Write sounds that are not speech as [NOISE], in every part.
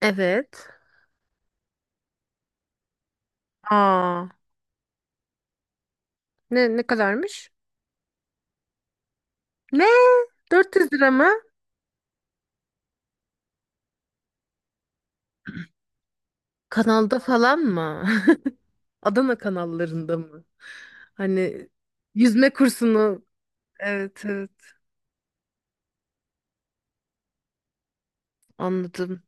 Evet. Aa, ne kadarmış? Ne? 400 lira mı? Kanalda falan mı? [LAUGHS] Adana kanallarında mı? Hani yüzme kursunu. Evet, evet, anladım.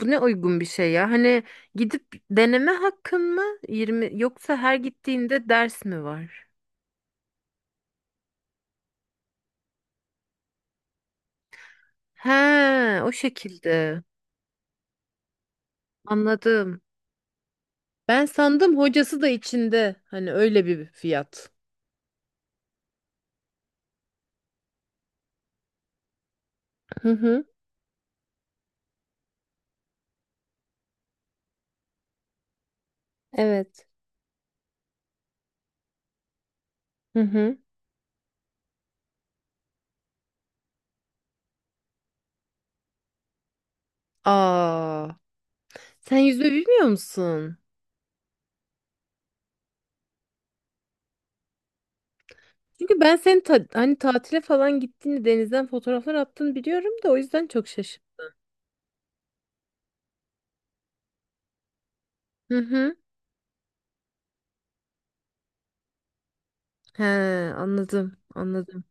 Bu ne uygun bir şey ya? Hani gidip deneme hakkın mı? 20 yoksa her gittiğinde ders mi var? He, o şekilde. Anladım. Ben sandım hocası da içinde. Hani öyle bir fiyat. Hı hı. Evet. Hı hı. Aa. Sen yüzme bilmiyor musun? Çünkü ben senin hani tatile falan gittiğini, denizden fotoğraflar attığını biliyorum da o yüzden çok şaşırdım. Hı hı. He, anladım, anladım.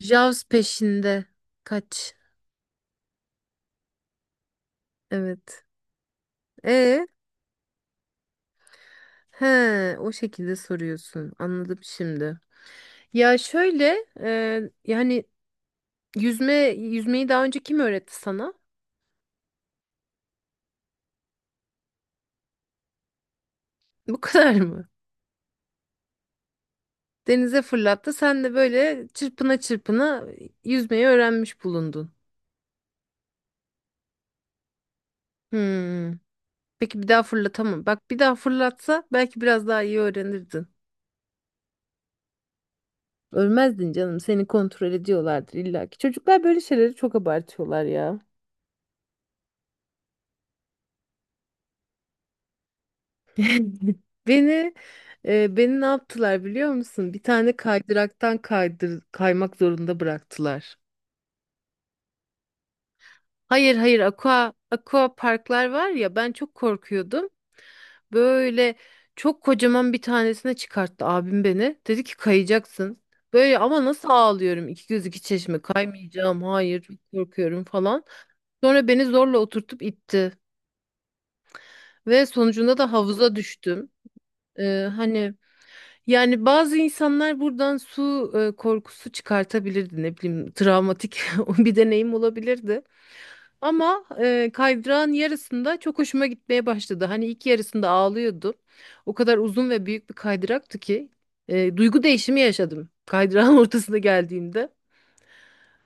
Jaws peşinde. Kaç. Evet. E, he, o şekilde soruyorsun. Anladım şimdi. Ya şöyle, yani yüzmeyi daha önce kim öğretti sana? Bu [LAUGHS] kadar mı? Denize fırlattı, sen de böyle çırpına çırpına yüzmeyi öğrenmiş bulundun. Hmm. Peki bir daha fırlatamam. Bak, bir daha fırlatsa belki biraz daha iyi öğrenirdin. Ölmezdin canım. Seni kontrol ediyorlardır illa ki. Çocuklar böyle şeyleri çok abartıyorlar ya. [LAUGHS] Beni beni ne yaptılar biliyor musun? Bir tane kaydıraktan kaymak zorunda bıraktılar. Hayır, hayır, aqua parklar var ya, ben çok korkuyordum. Böyle çok kocaman bir tanesine çıkarttı abim beni. Dedi ki kayacaksın. Böyle ama nasıl ağlıyorum, iki göz iki çeşme, kaymayacağım, hayır, çok korkuyorum falan. Sonra beni zorla oturtup itti ve sonucunda da havuza düştüm. Hani yani bazı insanlar buradan su korkusu çıkartabilirdi, ne bileyim, travmatik [LAUGHS] bir deneyim olabilirdi. Ama kaydırağın yarısında çok hoşuma gitmeye başladı. Hani ilk yarısında ağlıyordum. O kadar uzun ve büyük bir kaydıraktı ki duygu değişimi yaşadım kaydırağın [LAUGHS] ortasına geldiğimde.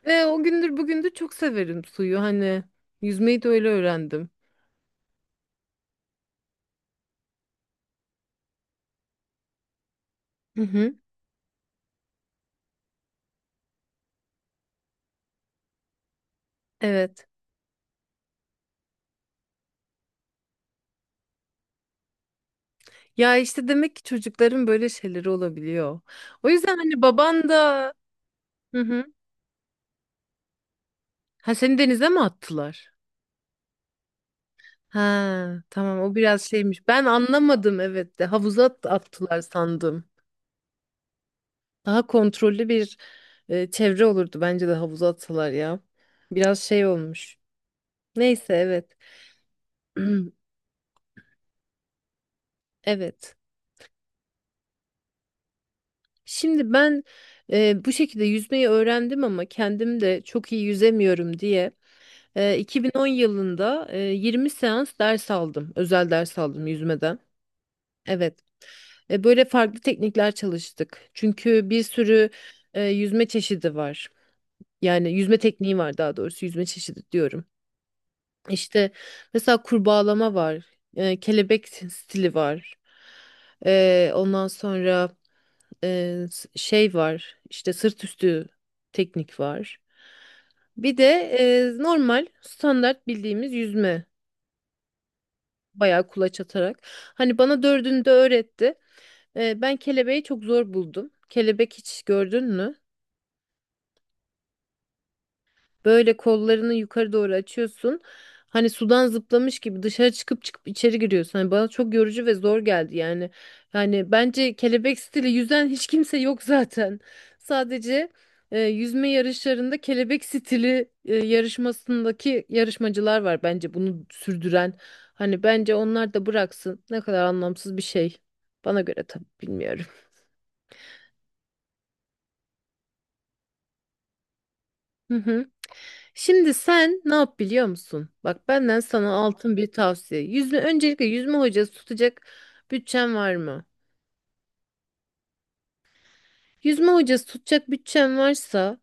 Ve o gündür bugündür çok severim suyu. Hani yüzmeyi de öyle öğrendim. Hı hı. Evet. Ya işte demek ki çocukların böyle şeyleri olabiliyor. O yüzden hani baban da. Hı hı. Ha, seni denize mi attılar? Ha tamam, o biraz şeymiş. Ben anlamadım, evet de havuza attılar sandım. Daha kontrollü bir çevre olurdu, bence de havuza atsalar ya. Biraz şey olmuş. Neyse, evet. [CLEARS THROAT] Evet. Şimdi ben bu şekilde yüzmeyi öğrendim ama kendim de çok iyi yüzemiyorum diye 2010 yılında 20 seans ders aldım. Özel ders aldım yüzmeden. Evet. Böyle farklı teknikler çalıştık. Çünkü bir sürü yüzme çeşidi var. Yani yüzme tekniği var, daha doğrusu yüzme çeşidi diyorum. İşte mesela kurbağalama var. Kelebek stili var. Ondan sonra şey var. İşte sırt üstü teknik var. Bir de normal standart bildiğimiz yüzme. Bayağı kulaç atarak. Hani bana dördünü de öğretti. Ben kelebeği çok zor buldum. Kelebek hiç gördün mü? Böyle kollarını yukarı doğru açıyorsun. Hani sudan zıplamış gibi dışarı çıkıp çıkıp içeri giriyorsun. Hani bana çok yorucu ve zor geldi yani. Yani bence kelebek stili yüzen hiç kimse yok [LAUGHS] zaten. Sadece yüzme yarışlarında kelebek stili yarışmasındaki yarışmacılar var bence bunu sürdüren. Hani bence onlar da bıraksın. Ne kadar anlamsız bir şey. Bana göre tabii, bilmiyorum. [LAUGHS] Şimdi sen ne yap biliyor musun? Bak, benden sana altın bir tavsiye. Yüzme öncelikle yüzme hocası tutacak bütçen var mı? Yüzme hocası tutacak bütçen varsa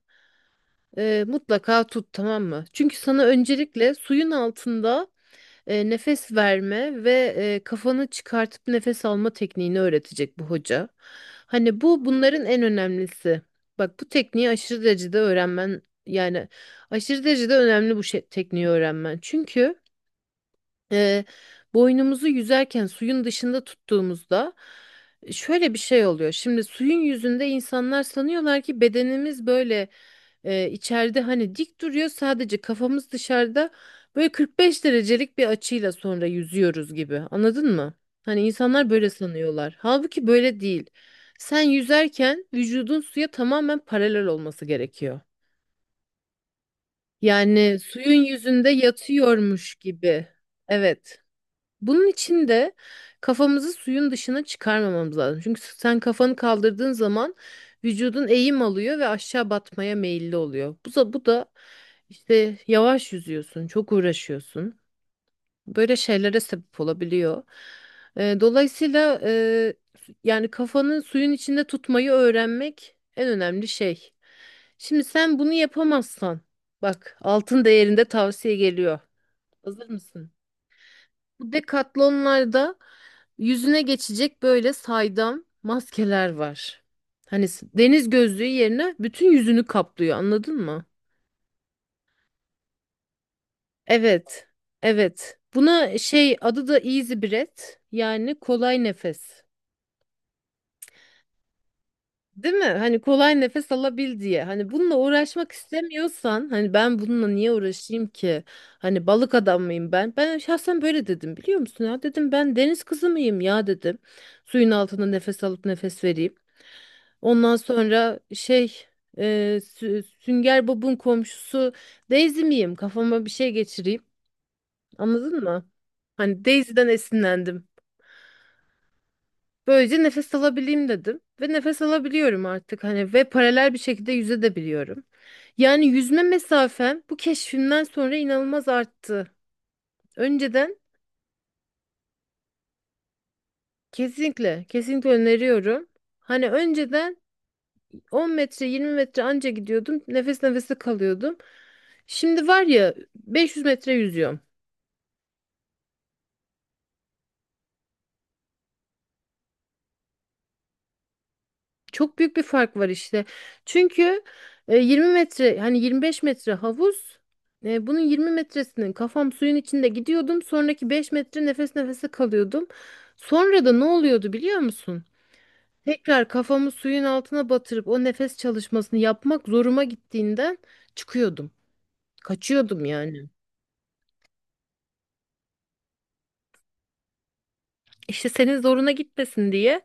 mutlaka tut, tamam mı? Çünkü sana öncelikle suyun altında nefes verme ve kafanı çıkartıp nefes alma tekniğini öğretecek bu hoca. Hani bunların en önemlisi. Bak, bu tekniği aşırı derecede öğrenmen, yani aşırı derecede önemli bu şey, tekniği öğrenmen. Çünkü e, boynumuzu yüzerken suyun dışında tuttuğumuzda şöyle bir şey oluyor. Şimdi suyun yüzünde insanlar sanıyorlar ki bedenimiz böyle içeride hani dik duruyor, sadece kafamız dışarıda, böyle 45 derecelik bir açıyla sonra yüzüyoruz gibi. Anladın mı? Hani insanlar böyle sanıyorlar. Halbuki böyle değil. Sen yüzerken vücudun suya tamamen paralel olması gerekiyor. Yani suyun yüzünde yatıyormuş gibi. Evet. Bunun için de kafamızı suyun dışına çıkarmamamız lazım. Çünkü sen kafanı kaldırdığın zaman vücudun eğim alıyor ve aşağı batmaya meyilli oluyor. Bu da işte yavaş yüzüyorsun, çok uğraşıyorsun. Böyle şeylere sebep olabiliyor. Dolayısıyla yani kafanı suyun içinde tutmayı öğrenmek en önemli şey. Şimdi sen bunu yapamazsan, bak altın değerinde tavsiye geliyor. Hazır mısın? Bu Decathlon'larda yüzüne geçecek böyle saydam maskeler var. Hani deniz gözlüğü yerine bütün yüzünü kaplıyor, anladın mı? Evet. Evet. Buna şey, adı da Easy Breath, yani kolay nefes. Değil mi? Hani kolay nefes alabil diye. Hani bununla uğraşmak istemiyorsan, hani ben bununla niye uğraşayım ki? Hani balık adam mıyım ben? Ben şahsen böyle dedim, biliyor musun ya? Dedim ben deniz kızı mıyım ya, dedim. Suyun altında nefes alıp nefes vereyim. Ondan sonra şey e, Sünger Bob'un komşusu Daisy miyim? Kafama bir şey geçireyim. Anladın mı? Hani Daisy'den esinlendim. Böylece nefes alabileyim dedim. Ve nefes alabiliyorum artık. Hani ve paralel bir şekilde yüze de biliyorum. Yani yüzme mesafem bu keşfimden sonra inanılmaz arttı. Önceden kesinlikle, kesinlikle öneriyorum. Hani önceden 10 metre 20 metre anca gidiyordum. Nefes nefese kalıyordum. Şimdi var ya, 500 metre yüzüyorum. Çok büyük bir fark var işte. Çünkü 20 metre, hani 25 metre havuz. Bunun 20 metresinin kafam suyun içinde gidiyordum. Sonraki 5 metre nefes nefese kalıyordum. Sonra da ne oluyordu biliyor musun? Tekrar kafamı suyun altına batırıp o nefes çalışmasını yapmak zoruma gittiğinden çıkıyordum. Kaçıyordum yani. İşte senin zoruna gitmesin diye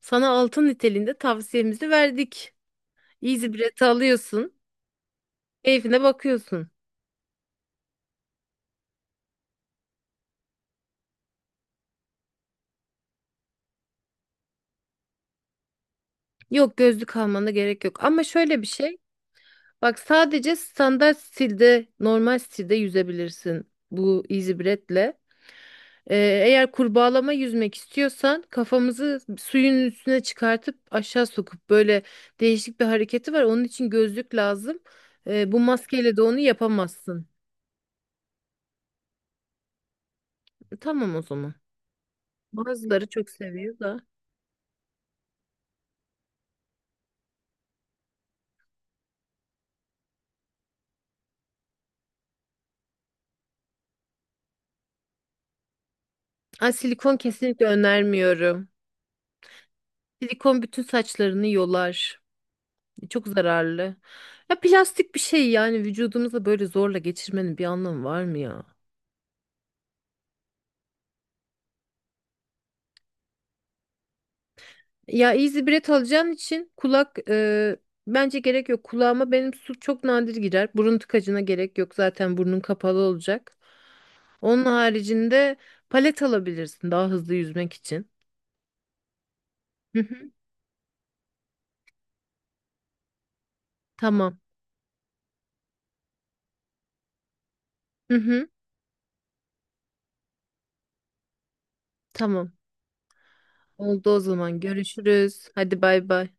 sana altın niteliğinde tavsiyemizi verdik. Easy Breath'i alıyorsun, keyfine bakıyorsun. Yok, gözlük almana gerek yok. Ama şöyle bir şey, bak sadece standart stilde, normal stilde yüzebilirsin bu Easy Breath'le. Ee, eğer kurbağalama yüzmek istiyorsan kafamızı suyun üstüne çıkartıp aşağı sokup böyle değişik bir hareketi var. Onun için gözlük lazım. Bu maskeyle de onu yapamazsın. Tamam o zaman. Bazıları çok seviyor da. Ay, silikon kesinlikle önermiyorum. Silikon bütün saçlarını yolar. Çok zararlı. Ya plastik bir şey, yani vücudumuza böyle zorla geçirmenin bir anlamı var mı ya? Ya Easy Breath alacağın için kulak bence gerek yok. Kulağıma benim su çok nadir girer. Burun tıkacına gerek yok. Zaten burnun kapalı olacak. Onun haricinde palet alabilirsin daha hızlı yüzmek için. Hı hı. Tamam. Hı hı. Tamam. Oldu o zaman. Görüşürüz. Hadi bay bay.